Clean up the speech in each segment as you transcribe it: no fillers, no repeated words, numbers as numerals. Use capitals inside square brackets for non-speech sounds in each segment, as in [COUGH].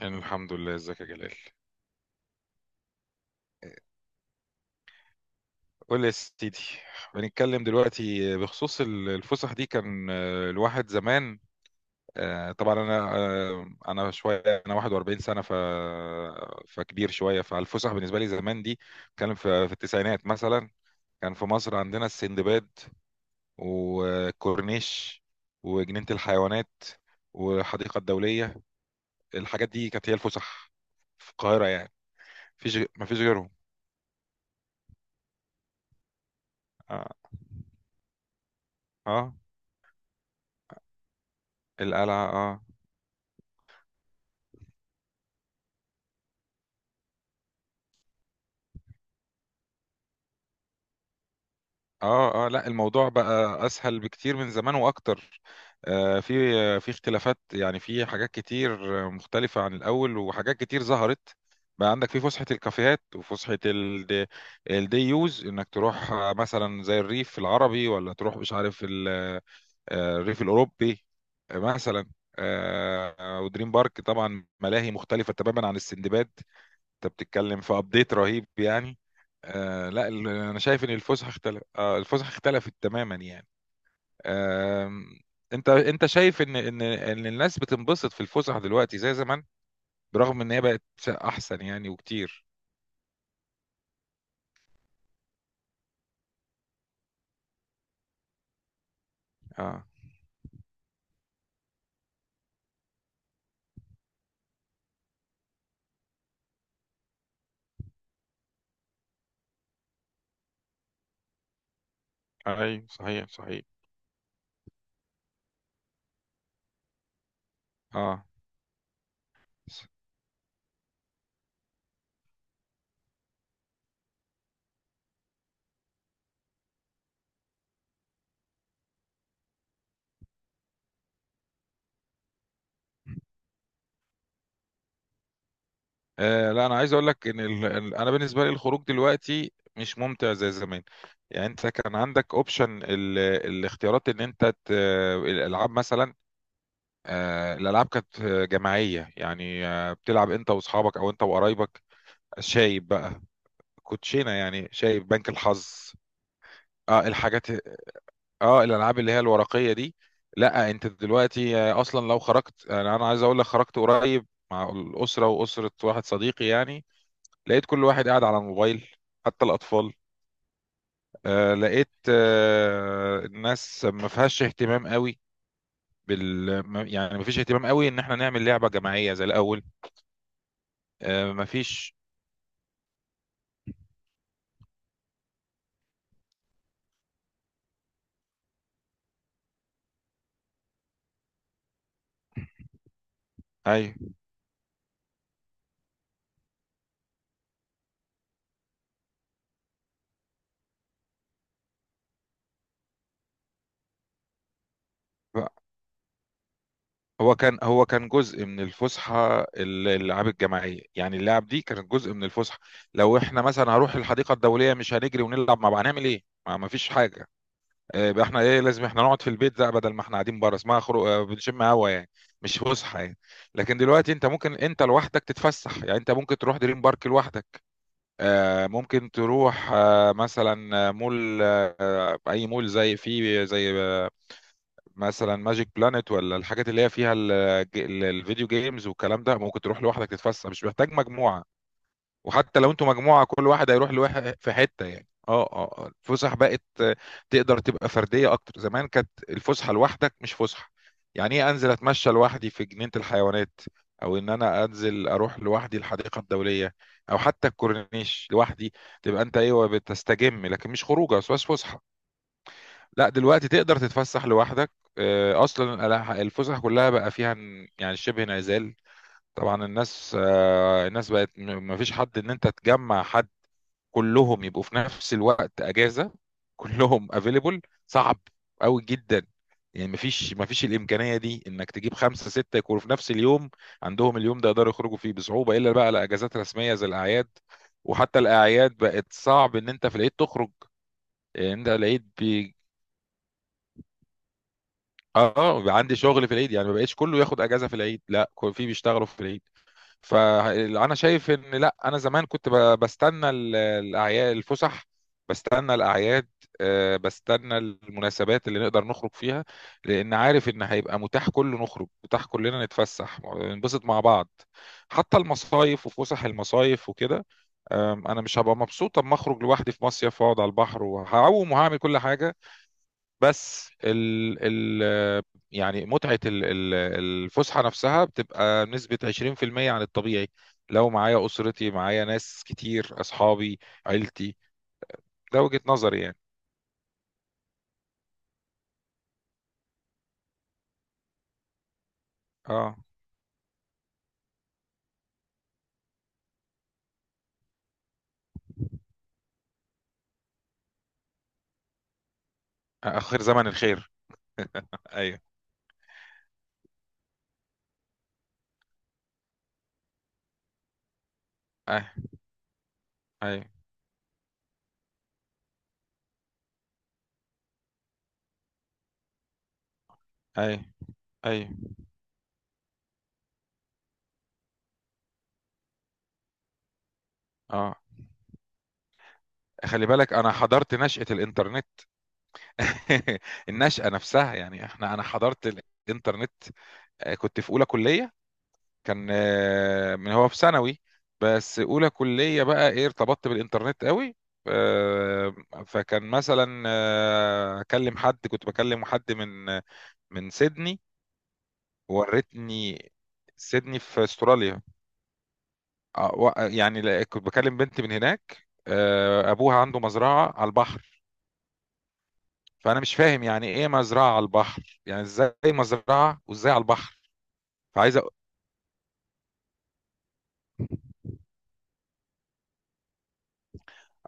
أنا الحمد لله. ازيك يا جلال؟ قول لي يا سيدي. بنتكلم دلوقتي بخصوص الفسح دي. كان الواحد زمان طبعا انا شويه. انا 41 سنه. فكبير شويه فالفسح بالنسبه لي زمان دي. كان في التسعينات مثلا، كان في مصر عندنا السندباد وكورنيش وجنينه الحيوانات والحديقه الدوليه. الحاجات دي كانت هي الفسح في القاهره يعني. مفيش غيرهم. اه. آه، القلعه، اه. اه لا، الموضوع بقى اسهل بكتير من زمان واكتر. في اختلافات، يعني في حاجات كتير مختلفة عن الاول، وحاجات كتير ظهرت. بقى عندك في فسحة الكافيهات وفسحة الدي يوز، انك تروح مثلا زي الريف العربي، ولا تروح مش عارف الريف الاوروبي آه، مثلا آه، آه، ودريم بارك، طبعا ملاهي مختلفة تماما عن السندباد. انت بتتكلم في ابديت رهيب يعني. لا، انا شايف ان الفسحه اختلف آه الفسحه اختلفت تماما يعني. آه. انت شايف ان الناس بتنبسط في الفسح دلوقتي زي زمان؟ برغم ان هي بقت احسن يعني وكتير. اه اي صحيح صحيح. اه لا، انا عايز اقول لك ان انا بالنسبه لي الخروج دلوقتي مش ممتع زي زمان. يعني انت كان عندك اوبشن الاختيارات، ان انت الالعاب مثلا. الالعاب كانت جماعيه يعني، بتلعب انت واصحابك او انت وقرايبك، شايب بقى، كوتشينه يعني، شايب، بنك الحظ. اه الحاجات، اه الالعاب اللي هي الورقيه دي. لا انت دلوقتي، اصلا لو خرجت، انا عايز اقول لك خرجت قريب مع الاسره واسره واحد صديقي يعني. لقيت كل واحد قاعد على الموبايل، حتى الاطفال. لقيت الناس ما فيهاش اهتمام قوي بال ما- يعني ما فيش اهتمام قوي ان احنا نعمل لعبه جماعيه زي الاول. مفيش. ايوه بقى. هو كان جزء من الفسحه، الالعاب الجماعيه يعني، اللعب دي كانت جزء من الفسحه. لو احنا مثلا هروح الحديقه الدوليه مش هنجري ونلعب مع بعض، هنعمل ايه؟ ما فيش حاجه. يبقى احنا ايه، لازم احنا نقعد في البيت، ده بدل ما احنا قاعدين بره، اسمها خروج، بنشم هوا يعني، مش فسحه يعني. لكن دلوقتي انت ممكن لوحدك تتفسح، يعني انت ممكن تروح دريم بارك لوحدك، ممكن تروح آه، مثلا آه، مول، اي مول، زي فيه زي مثلا ماجيك بلانت، ولا الحاجات اللي هي فيها الفيديو جيمز والكلام ده، ممكن تروح لوحدك تتفسح، مش محتاج مجموعة. وحتى لو انتوا مجموعة، كل واحد هيروح لواحد في حتة يعني. الفسح بقت تقدر تبقى فردية اكتر. زمان كانت الفسحة لوحدك مش فسحة. يعني ايه، انزل اتمشى لوحدي في جنينة الحيوانات، او انا انزل اروح لوحدي الحديقة الدولية، او حتى الكورنيش لوحدي، تبقى انت ايوه بتستجم، لكن مش خروجه، بس فسحة لا. دلوقتي تقدر تتفسح لوحدك. اصلا الفسح كلها بقى فيها يعني شبه انعزال. طبعا الناس، الناس بقت مفيش حد، ان انت تجمع حد كلهم يبقوا في نفس الوقت اجازه، كلهم افيلبل، صعب قوي جدا. يعني مفيش الامكانيه دي، انك تجيب خمسه سته يكونوا في نفس اليوم عندهم اليوم ده يقدروا يخرجوا فيه، بصعوبه الا بقى لاجازات رسميه زي الاعياد. وحتى الاعياد بقت صعب ان انت في العيد تخرج. يعني انت العيد، اه بيبقى عندي شغل في العيد، يعني ما بقتش كله ياخد اجازه في العيد، لا في بيشتغلوا في العيد. فانا شايف ان لا، انا زمان كنت بستنى الاعياد، الفسح، بستنى الاعياد، بستنى المناسبات اللي نقدر نخرج فيها، لان عارف ان هيبقى متاح كله نخرج، متاح كلنا نتفسح ننبسط مع بعض. حتى المصايف وفسح المصايف وكده، انا مش هبقى مبسوط اما اخرج لوحدي في مصيف واقعد على البحر وهعوم وهعمل كل حاجه، بس ال ال يعني متعة الفسحة نفسها بتبقى نسبة 20% عن الطبيعي لو معايا أسرتي، معايا ناس كتير، أصحابي، عيلتي. ده وجهة نظري يعني. اه، آخر زمن الخير. أيوه. أيوه. أيوه. أيوه. أيوه. اه، خلي بالك أنا حضرت نشأة الإنترنت. [LAUGHS] النشأة نفسها يعني، أنا حضرت الإنترنت. كنت في أولى كلية، كان من هو في ثانوي، بس اولى كليه بقى ايه ارتبطت بالانترنت قوي. آه، فكان مثلا اكلم حد، كنت بكلم حد من سيدني. ورتني، سيدني في استراليا. يعني كنت بكلم بنت من هناك، ابوها عنده مزرعه على البحر. فانا مش فاهم يعني ايه مزرعه على البحر، يعني ازاي مزرعه وازاي على البحر؟ فعايز أ-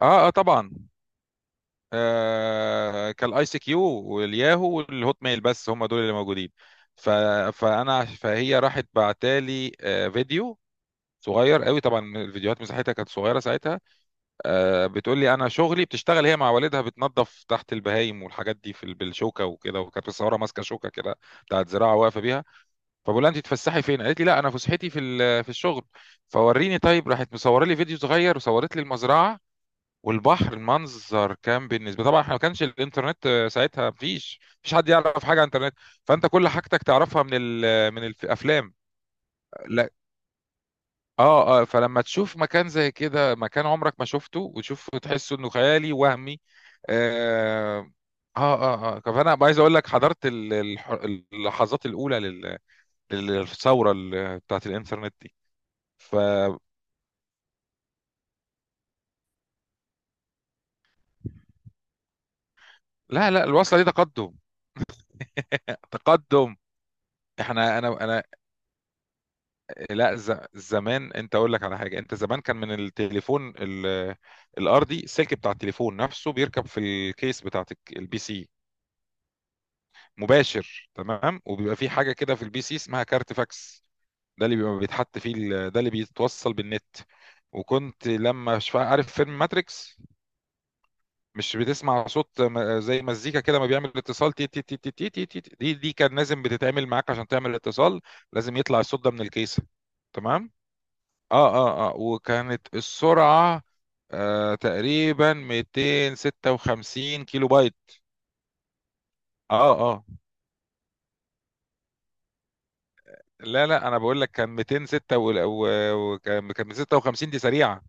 اه اه طبعا. كالاي سي كيو والياهو والهوت ميل، بس هم دول اللي موجودين. ف... فانا، فهي راحت بعتالي فيديو صغير قوي، طبعا الفيديوهات مساحتها كانت صغيره ساعتها. بتقول لي انا شغلي بتشتغل هي مع والدها بتنظف تحت البهايم والحاجات دي في بالشوكه وكده، وكانت متصوره ماسكه شوكه كده بتاعت زراعه واقفه بيها. فبقول لها انت تفسحي فين، قالت لي لا، انا فسحتي في في الشغل. فوريني. طيب راحت مصوره لي فيديو صغير، وصورت لي المزرعه والبحر. المنظر كان بالنسبه، طبعا احنا ما كانش الانترنت ساعتها، مفيش حد يعرف حاجه عن الانترنت. فانت كل حاجتك تعرفها من من الافلام. لا. اه اه، فلما تشوف مكان زي كده، مكان عمرك ما شفته، وتشوف، تحس انه خيالي وهمي. اه اه اه، فانا عايز اقول لك حضرت اللحظات الاولى للثوره بتاعت الانترنت دي. ف لا لا، الوصله دي تقدم، تقدم. احنا انا انا لا زمان، انت اقول لك على حاجه. انت زمان كان من التليفون الارضي، السلك بتاع التليفون نفسه بيركب في الكيس بتاعت البي سي، مباشر تمام. وبيبقى في حاجه كده في البي سي اسمها كارت فاكس، ده اللي بيبقى بيتحط فيه ده اللي بيتوصل بالنت. وكنت لما عارف فيلم ماتريكس؟ مش بتسمع صوت زي مزيكا كده، ما بيعمل اتصال، تي تي تي تي تي تي تي تي- دي دي كان لازم بتتعمل معاك عشان تعمل اتصال، لازم يطلع الصوت ده من الكيسه، تمام. اه اه اه، وكانت السرعة تقريبا 256 كيلو بايت. اه اه، لا لا انا بقول لك كان 206 وكان 256 دي سريعة.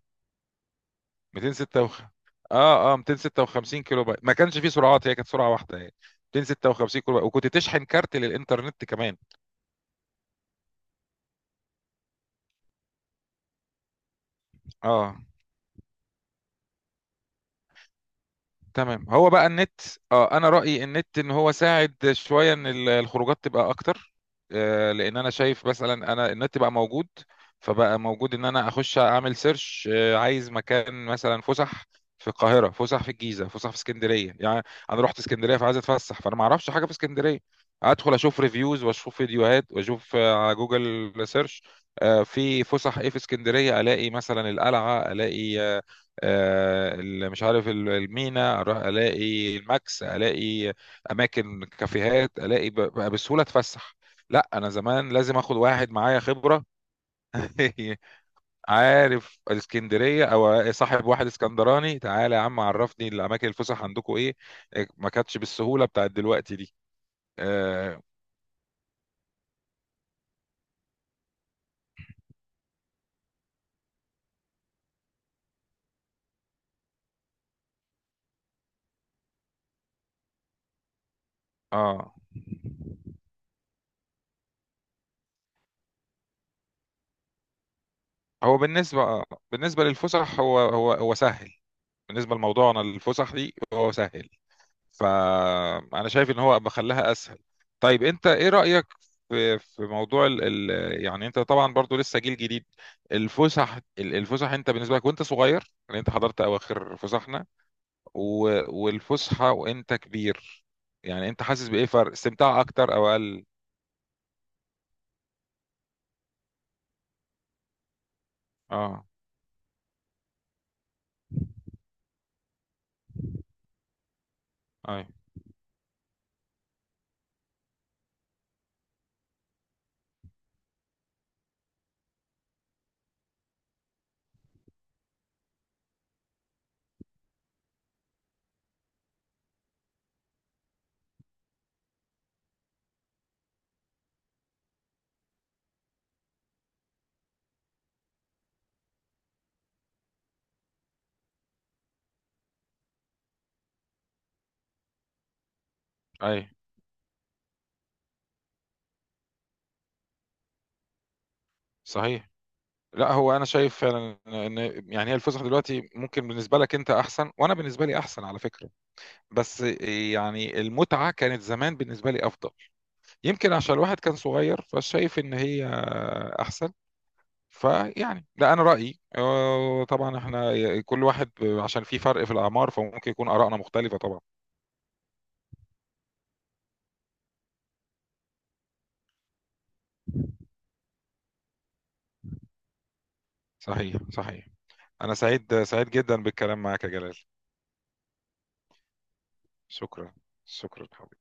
256. اه اه، 256 كيلو بايت، ما كانش فيه سرعات، هي كانت سرعة واحدة يعني، 256 كيلو بايت، وكنت تشحن كارت للإنترنت كمان. اه تمام. هو بقى النت، اه انا رايي النت ان هو ساعد شويه ان الخروجات تبقى اكتر. لان انا شايف مثلا، انا النت بقى موجود، فبقى موجود ان انا اخش اعمل سيرش. آه عايز مكان مثلا، فسح في القاهره، فسح في الجيزه، فسح في اسكندريه يعني. انا رحت اسكندريه فعايز اتفسح، فانا ما اعرفش حاجه في اسكندريه، ادخل اشوف ريفيوز واشوف فيديوهات واشوف على جوجل سيرش في فسح ايه في اسكندريه، الاقي مثلا القلعه، الاقي مش عارف المينا، اروح الاقي الماكس، الاقي اماكن كافيهات، الاقي بقى بسهوله اتفسح. لا انا زمان لازم اخد واحد معايا خبره، [LAUGHS] عارف الاسكندريه، او صاحب واحد اسكندراني، تعالى يا عم عرفني الاماكن، الفسح عندكم ايه. إيه، ما كانتش بالسهوله بتاعت دلوقتي دي. اه. آه. هو بالنسبه، آه. بالنسبه للفسح، هو سهل، بالنسبه لموضوعنا الفسح دي، هو سهل، فانا شايف ان هو بخليها اسهل. طيب انت ايه رايك في موضوع ال ال يعني انت طبعا برضو لسه جيل جديد، الفسح الفسح، انت بالنسبه لك وانت صغير، يعني انت حضرت اواخر فسحنا، والفسحه وانت كبير، يعني انت حاسس بايه؟ فرق استمتاع اكتر او اقل؟ اه اي اي صحيح. لا هو، انا شايف فعلا ان، يعني هي الفسحه دلوقتي ممكن بالنسبه لك انت احسن، وانا بالنسبه لي احسن على فكره. بس يعني المتعة كانت زمان بالنسبة لي أفضل، يمكن عشان الواحد كان صغير فشايف إن هي أحسن. فيعني ده أنا رأيي، طبعا إحنا كل واحد، عشان في فرق في الأعمار، فممكن يكون آرائنا مختلفة طبعا. صحيح صحيح. أنا سعيد، سعيد جدا بالكلام معك يا جلال. شكرا. شكرا حبيبي.